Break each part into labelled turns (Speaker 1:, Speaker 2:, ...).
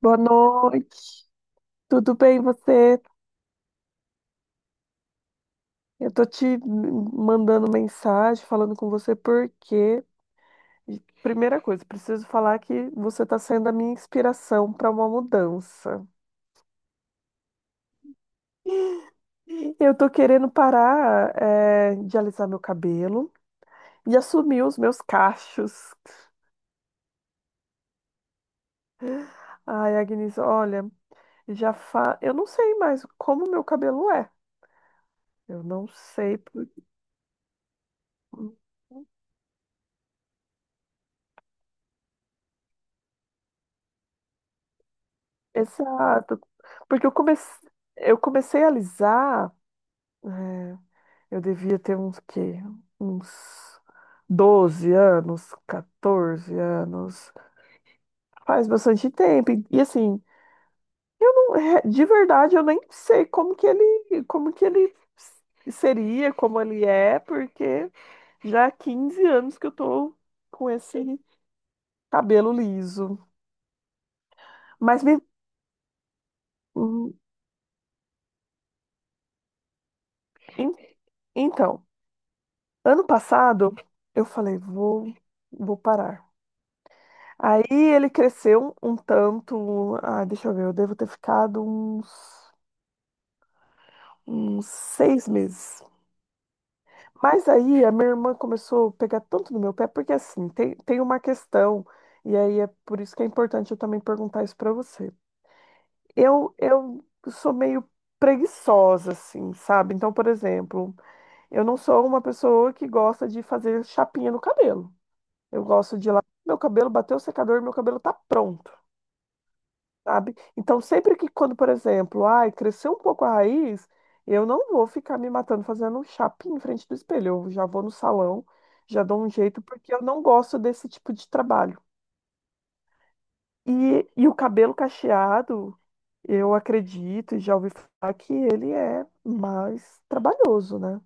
Speaker 1: Boa noite. Tudo bem, você? Eu tô te mandando mensagem, falando com você porque, primeira coisa, preciso falar que você tá sendo a minha inspiração para uma mudança. Eu tô querendo parar, de alisar meu cabelo e assumir os meus cachos. Ai, Agnes, olha, eu não sei mais como meu cabelo é. Eu não sei. Exato. Porque eu comecei, eu comecei a alisar. eh, Eu devia ter uns quê? Uns 12 anos, 14 anos. Faz bastante tempo. E assim, não é- de verdade eu nem sei como que ele, seria, como ele é, porque já há 15 anos que eu tô com esse cabelo liso. Mas me- hum, en- então, ano passado eu falei, vou, vou parar. Aí ele cresceu um tanto, ah, deixa eu ver, eu devo ter ficado uns, uns 6 meses. Mas aí a minha irmã começou a pegar tanto no meu pé, porque assim, tem uma questão, e aí é por isso que é importante eu também perguntar isso pra você. Eu sou meio preguiçosa, assim, sabe? Então, por exemplo, eu não sou uma pessoa que gosta de fazer chapinha no cabelo. Eu gosto de ir lá, meu cabelo bateu o secador, meu cabelo tá pronto. Sabe? Então, sempre que quando, por exemplo, ai, cresceu um pouco a raiz, eu não vou ficar me matando fazendo um chapinho em frente do espelho. Eu já vou no salão, já dou um jeito, porque eu não gosto desse tipo de trabalho. E o cabelo cacheado, eu acredito e já ouvi falar que ele é mais trabalhoso, né?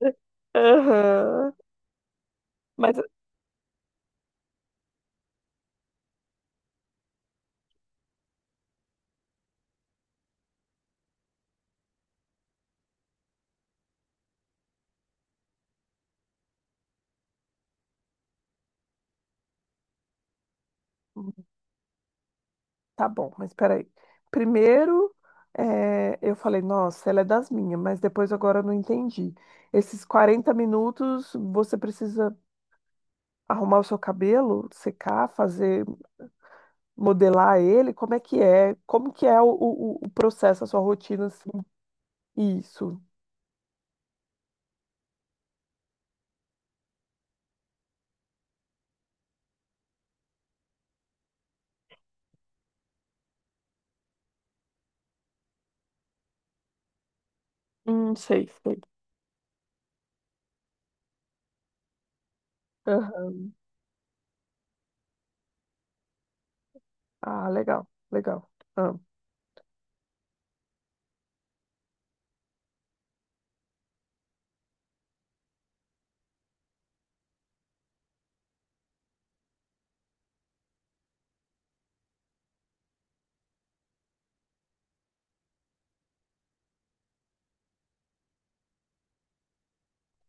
Speaker 1: Aham. Mas Tá bom, mas peraí. Primeiro, eu falei, nossa, ela é das minhas, mas depois agora eu não entendi. Esses 40 minutos você precisa arrumar o seu cabelo, secar, fazer, modelar ele? Como é que é? Como que é o processo, a sua rotina, assim? Isso. Sei, sei. Aham. Ah, legal, legal. Ah,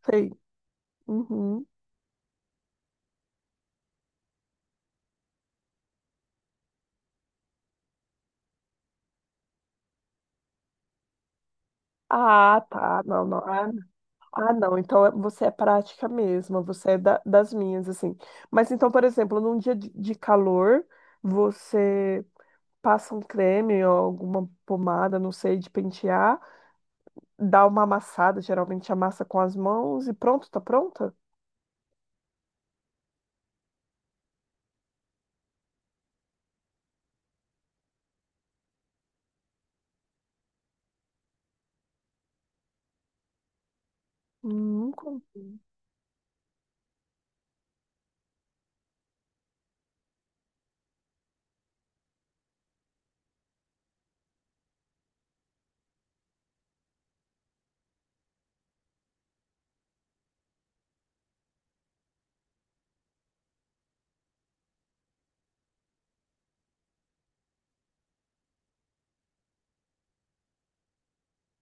Speaker 1: sei. Uhum. Ah, tá. Não, não. Ah, não, então você é prática mesmo, você é das minhas, assim. Mas então, por exemplo, num dia de calor, você passa um creme ou alguma pomada, não sei, de pentear, dá uma amassada, geralmente amassa com as mãos e pronto, tá pronta? Nunca.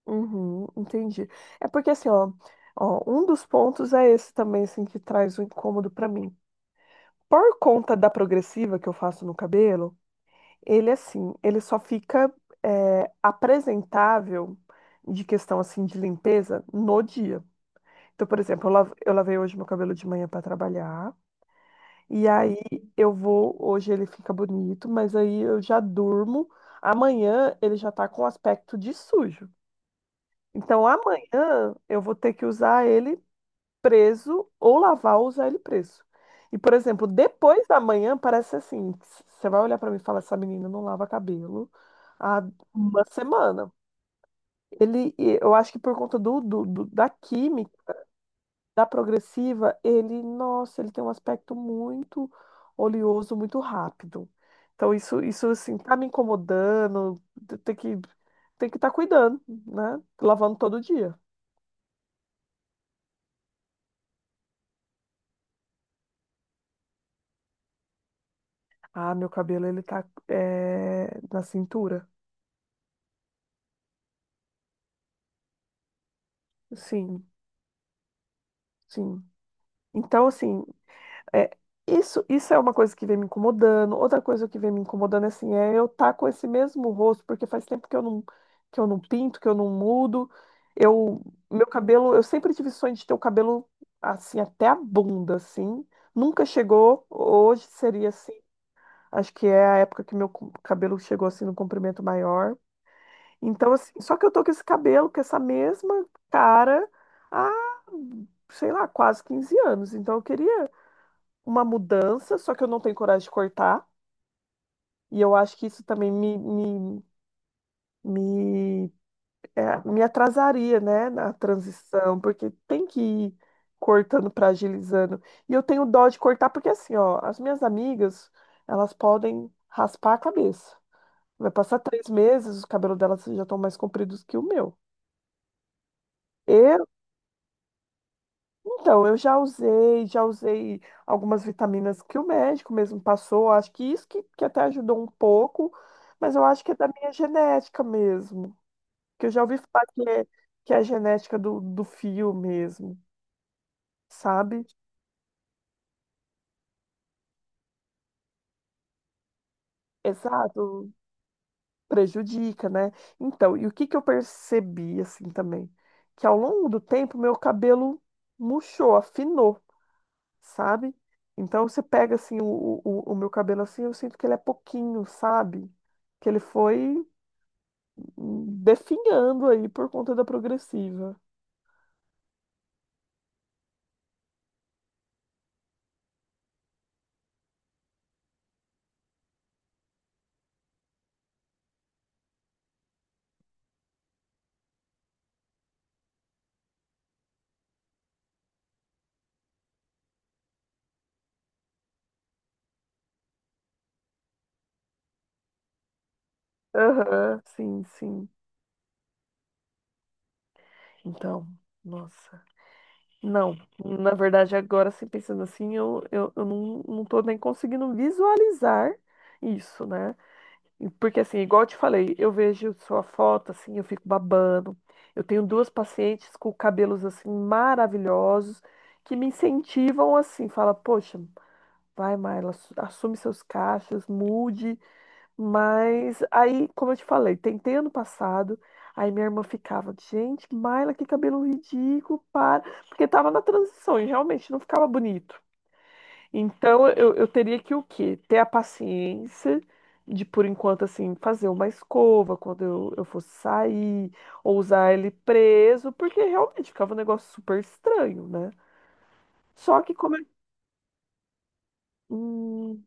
Speaker 1: Uhum, entendi. É porque assim, ó, um dos pontos é esse também, assim, que traz um incômodo pra mim. Por conta da progressiva que eu faço no cabelo, ele assim, ele só fica apresentável de questão assim de limpeza no dia. Então, por exemplo, eu lavei hoje meu cabelo de manhã para trabalhar e aí eu vou hoje ele fica bonito, mas aí eu já durmo. Amanhã ele já tá com aspecto de sujo. Então, amanhã eu vou ter que usar ele preso ou lavar ou usar ele preso. E, por exemplo, depois da manhã, parece assim: você vai olhar pra mim e falar, essa menina não lava cabelo há uma semana. E eu acho que por conta da química, da progressiva, ele, nossa, ele tem um aspecto muito oleoso, muito rápido. Então, isso assim, tá me incomodando, tem que, tem que estar cuidando, né? Lavando todo dia. Ah, meu cabelo, ele tá, é, na cintura. Sim, sim. Então, assim, é, isso é uma coisa que vem me incomodando. Outra coisa que vem me incomodando, assim, é eu estar com esse mesmo rosto, porque faz tempo que eu não pinto, que eu não mudo. Eu, meu cabelo, eu sempre tive sonho de ter o cabelo, assim, até a bunda, assim. Nunca chegou, hoje seria assim. Acho que é a época que meu cabelo chegou, assim, no comprimento maior. Então, assim, só que eu tô com esse cabelo, com essa mesma cara, há, sei lá, quase 15 anos. Então, eu queria uma mudança, só que eu não tenho coragem de cortar. E eu acho que isso também me, me atrasaria, né, na transição, porque tem que ir cortando para agilizando. E eu tenho dó de cortar, porque assim, ó, as minhas amigas, elas podem raspar a cabeça. Vai passar três meses, os cabelos delas já estão mais compridos que o meu. Então, já usei algumas vitaminas que o médico mesmo passou. Acho que isso que até ajudou um pouco, mas eu acho que é da minha genética mesmo. Que eu já ouvi falar que é a genética do fio mesmo, sabe? Exato, prejudica, né? Então, e o que que eu percebi assim também? Que ao longo do tempo, meu cabelo murchou, afinou. Sabe? Então você pega assim o meu cabelo assim, eu sinto que ele é pouquinho, sabe? Que ele foi definhando aí por conta da progressiva. Aham, sim, sim. Então, nossa. Não, na verdade, agora assim, pensando assim, eu não, não tô nem conseguindo visualizar isso, né? Porque assim, igual eu te falei, eu vejo sua foto assim, eu fico babando. Eu tenho duas pacientes com cabelos assim maravilhosos que me incentivam assim, fala: "Poxa, vai, Marla, assume seus cachos, mude". Mas aí, como eu te falei, tentei ano passado, aí minha irmã ficava: "Gente, Marla, que cabelo ridículo, para". Porque tava na transição e realmente não ficava bonito. Então, eu teria que o quê? Ter a paciência de, por enquanto, assim, fazer uma escova quando eu fosse sair, ou usar ele preso, porque realmente ficava um negócio super estranho, né? Só que como... é- Hum,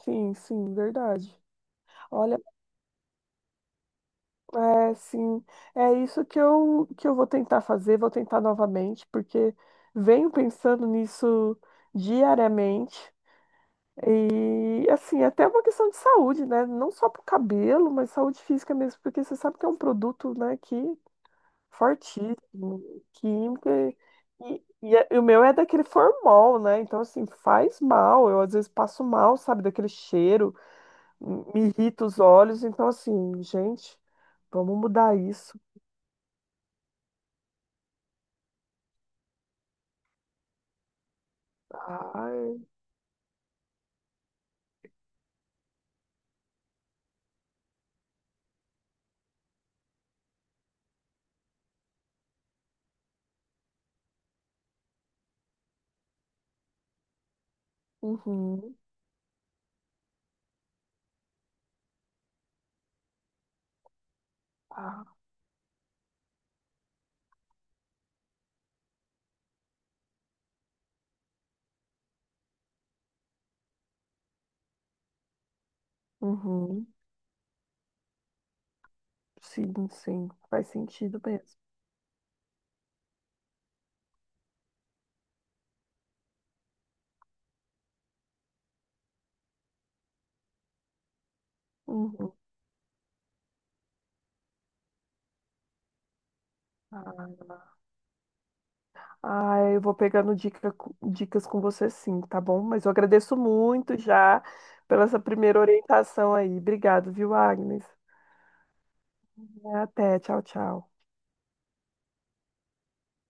Speaker 1: sim, sim, verdade. Olha, é, sim, é isso que eu vou tentar fazer, vou tentar novamente, porque venho pensando nisso diariamente. E assim, é até uma questão de saúde, né? Não só para o cabelo, mas saúde física mesmo, porque você sabe que é um produto, né, que fortíssimo, químico, e o meu é daquele formol, né? Então, assim, faz mal. Eu às vezes passo mal, sabe, daquele cheiro, me irrita os olhos. Então, assim, gente, vamos mudar isso. Ai, uhum, ah, uhum, sim, sim, faz sentido mesmo. Uhum, ah. Ah, eu vou pegando dica, dicas com você sim, tá bom? Mas eu agradeço muito já pela essa primeira orientação aí. Obrigado, viu, Agnes? Até, tchau, tchau.